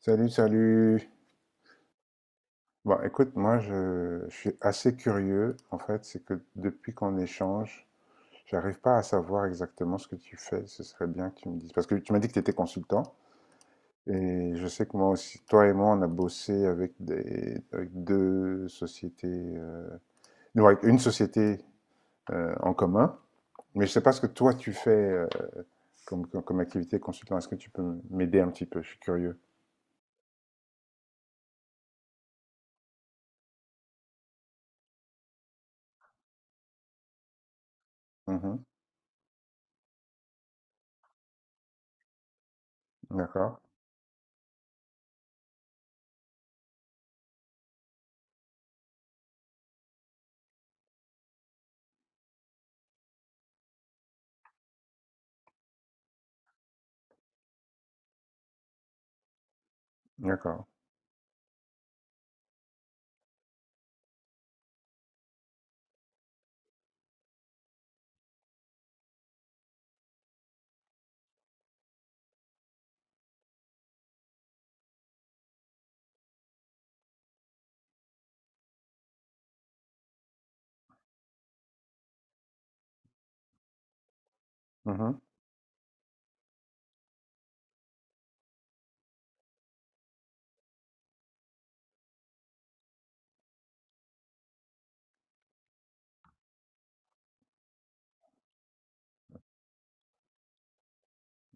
Salut, salut. Bon, écoute, moi, je suis assez curieux. En fait, c'est que depuis qu'on échange, j'arrive pas à savoir exactement ce que tu fais. Ce serait bien que tu me dises. Parce que tu m'as dit que tu étais consultant. Et je sais que moi aussi, toi et moi, on a bossé avec deux sociétés, non, avec une société en commun. Mais je sais pas ce que toi tu fais comme activité consultant. Est-ce que tu peux m'aider un petit peu? Je suis curieux. Mhm. D'accord. D'accord. Mhm.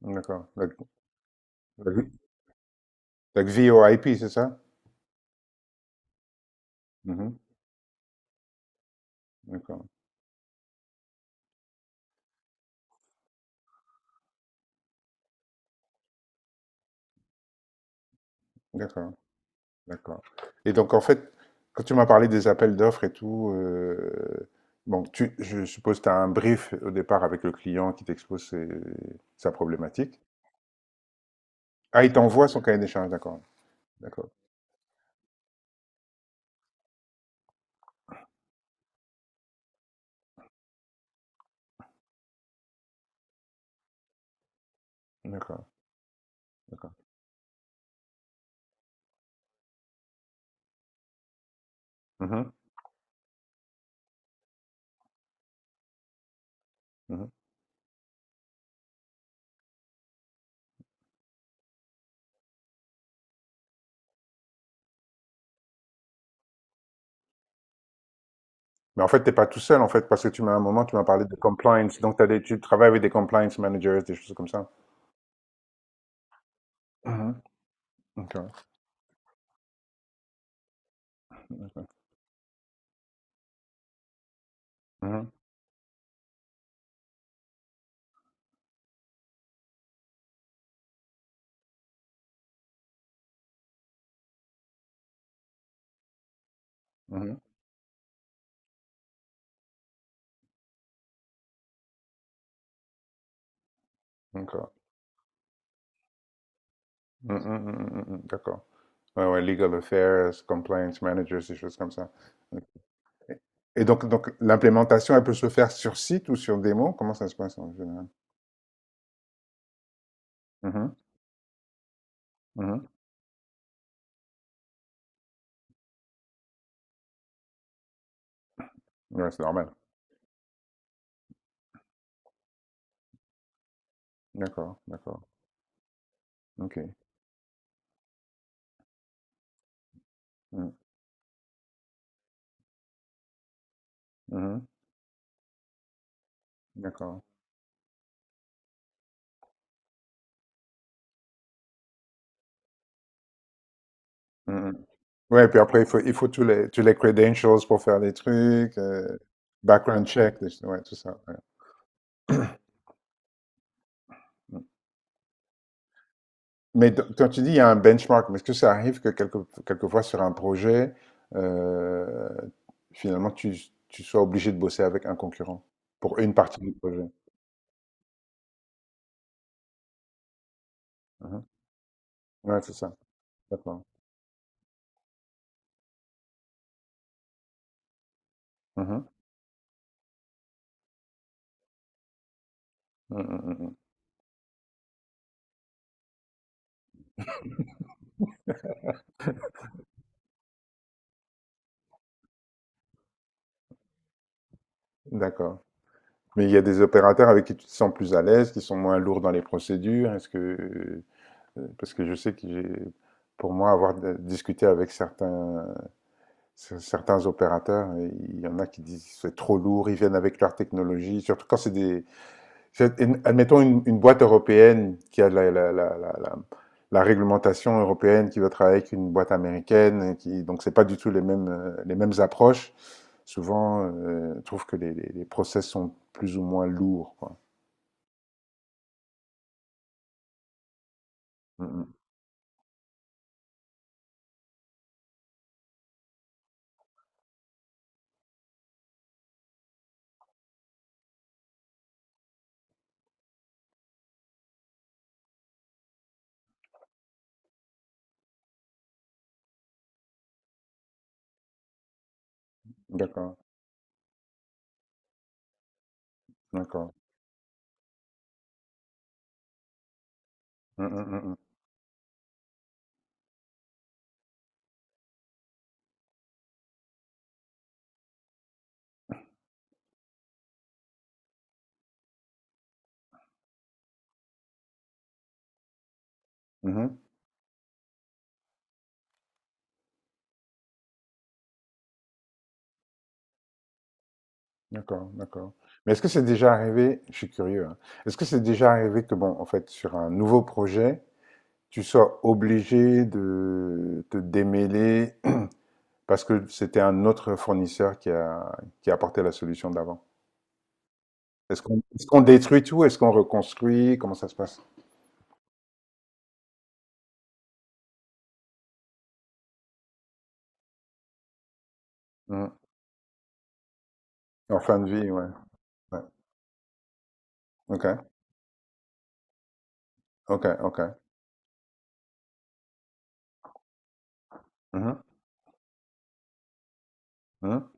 D'accord. La- la VoIP, c'est ça? Mhm. D'accord. D'accord. D'accord. Et donc, en fait, quand tu m'as parlé des appels d'offres et tout, bon, je suppose que tu as un brief au départ avec le client qui t'expose sa problématique. Ah, il t'envoie son cahier des charges, d'accord. D'accord. D'accord. D'accord. Mhm. Mhm. Mais en fait, t'es pas tout seul, en fait, parce que tu m'as à un moment, tu m'as parlé de compliance. Donc, tu travailles avec des compliance managers, des choses comme ça. Mhm. D'accord. Mhm, mhm, D'accord. Mm, mm, mm, mm, mm, mm, D'accord. Ouais, ouais, legal affairs, compliance managers, des choses comme ça. Ok. Et donc, l'implémentation, elle peut se faire sur site ou sur démo? Comment ça se passe en général? Mhm, mhm. Ouais, c'est normal. D'accord, d'accord. OK. Mm, mhm, D'accord. Mm, mm. Ouais, puis après, il faut tous les credentials pour faire les trucs, background check, ouais, tout ça. Ouais. Mais quand tu dis il y a un benchmark, mais est-ce que ça arrive que quelquefois sur un projet, euh, finalement, tu sois obligé de bosser avec un concurrent pour une partie du projet? Mhm. Ouais, c'est ça. D'accord. Mhm. Mm, mm, mm, mm. D'accord. Mais il y a des opérateurs avec qui tu te sens plus à l'aise, qui sont moins lourds dans les procédures. Parce que je sais que pour moi, discuté avec certains opérateurs, il y en a qui disent c'est trop lourd, ils viennent avec leur technologie, surtout quand Je- admettons une boîte européenne qui a la réglementation européenne qui va travailler avec une boîte américaine, donc c'est pas du tout les mêmes approches. Souvent, je trouve que les process sont plus ou moins lourds, quoi. Mm, mm. D'accord, d'accord. Mm, mm, mm, mm. Mhm. D'accord, d'accord. Mais est-ce que c'est déjà arrivé, je suis curieux, hein. Est-ce que c'est déjà arrivé que, bon, en fait, sur un nouveau projet, tu sois obligé de te démêler parce que c'était un autre fournisseur qui a apporté la solution d'avant. Est-ce qu'on détruit tout? Est-ce qu'on reconstruit? Comment ça se passe? Hmm. En fin de vie, ouais. Ouais. OK, OK, OK. Mhm. Mhm.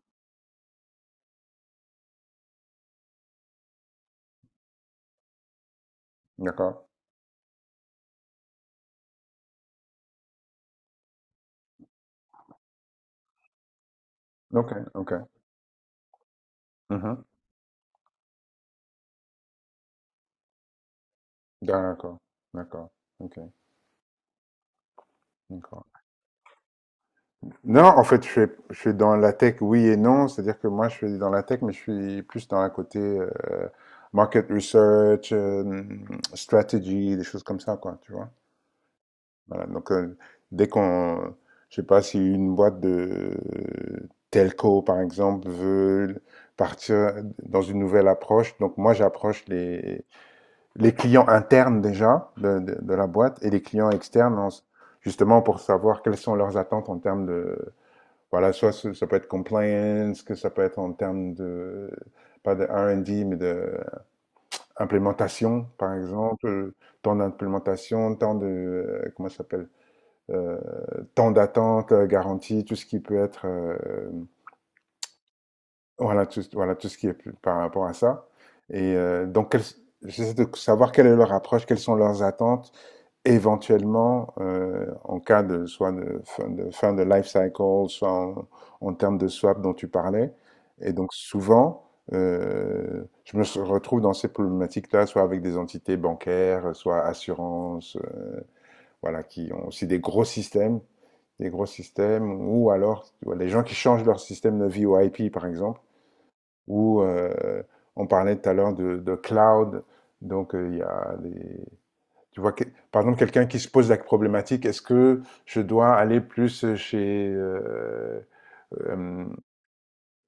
D'accord. OK, OK. Mhm. D'accord, d'accord. OK, d'accord. Non, en fait, je suis dans la tech, oui et non. C'est-à-dire que moi, je suis dans la tech, mais je suis plus dans la côté market research, strategy, des choses comme ça, quoi, tu vois. Voilà, donc, dès qu'on je sais pas si une boîte de telco, par exemple, veut partir dans une nouvelle approche, donc moi, j'approche les clients internes déjà de la boîte et les clients externes en justement pour savoir quelles sont leurs attentes en termes de voilà, soit ce ça peut être compliance, que ça peut être en termes de pas de R&D, mais de implémentation, par exemple, temps d'implémentation, comment ça s'appelle? euh, temps d'attente garantie tout ce qui peut être, voilà, tout ce qui est par rapport à ça. Et donc, j'essaie de savoir quelle est leur approche, quelles sont leurs attentes, éventuellement, en cas de soit de fin de life cycle, soit en termes de swap dont tu parlais. Et donc, souvent, je me retrouve dans ces problématiques-là, soit avec des entités bancaires, soit assurances, voilà, qui ont aussi des gros systèmes, ou alors tu vois, les gens qui changent leur système de vie au I P par exemple, ou on parlait tout à l'heure de cloud, donc il y a des. Tu vois, par exemple, quelqu'un qui se pose la problématique, est-ce que je dois aller plus chez euh,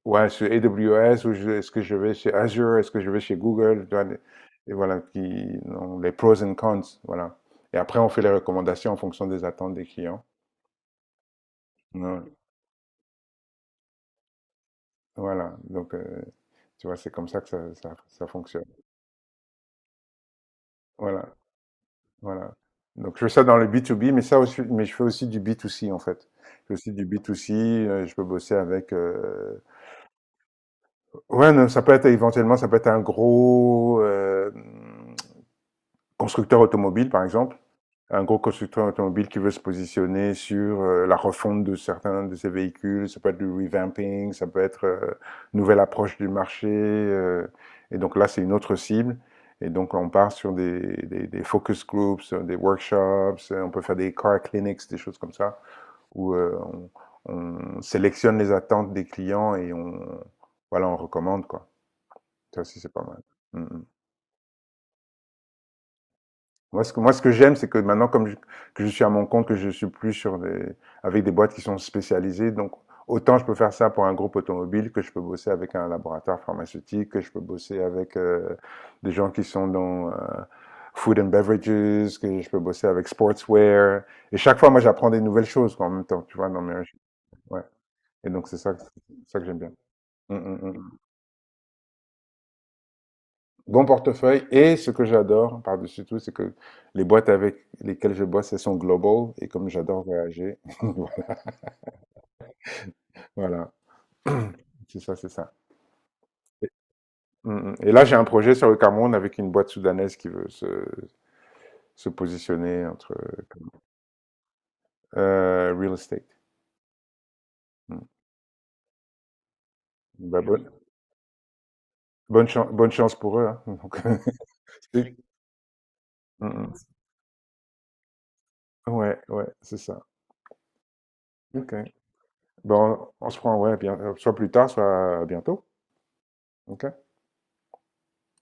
ouais, sur AWS ou est-ce que je vais chez Azure, est-ce que je vais chez Google, tu vois, et voilà, non, les pros and cons, voilà. Et après, on fait les recommandations en fonction des attentes des clients. Non, voilà, donc tu vois, c'est comme ça que ça fonctionne. Voilà, voilà. Donc je fais ça dans le B2B, mais ça aussi mais je fais aussi du B2C, en fait. Je fais aussi du B2C, je peux bosser ouais, non, ça peut être éventuellement, ça peut être un gros, constructeur automobile, par exemple. Un gros constructeur automobile qui veut se positionner sur la refonte de certains de ses véhicules, ça peut être du revamping, ça peut être une nouvelle approche du marché. Et donc là, c'est une autre cible. Et donc, on part sur des focus groups, des workshops, on peut faire des car clinics, des choses comme ça, où on sélectionne les attentes des clients et on, voilà, on recommande, quoi. Ça aussi, c'est pas mal. Mm, mm. Moi, ce que j'aime, c'est que maintenant, que je suis à mon compte, que je suis plus avec des boîtes qui sont spécialisées, donc autant je peux faire ça pour un groupe automobile, que je peux bosser avec un laboratoire pharmaceutique, que je peux bosser avec des gens qui sont dans food and beverages, que je peux bosser avec sportswear. Et chaque fois, moi, j'apprends des nouvelles choses quoi, en même temps, tu vois, dans mes recherches. Ouais. Et donc, c'est ça, c'est ça que j'aime bien. Mm, mm, mm. Bon portefeuille. Et ce que j'adore par-dessus tout, c'est que les boîtes avec lesquelles je bosse, elles sont global. Et comme j'adore voyager, voilà. C'est ça, c'est ça. Et mm, mm. Et là, j'ai un projet sur le Cameroun avec une boîte soudanaise qui veut se positionner entre real estate. Mm. Bah, bonne chance pour eux, hein. Donc, c'est- Mm, mm. Ouais, ouais, c'est ça. Ok. Bon, on se prend, ouais, bien, soit plus tard, soit à bientôt. Ok.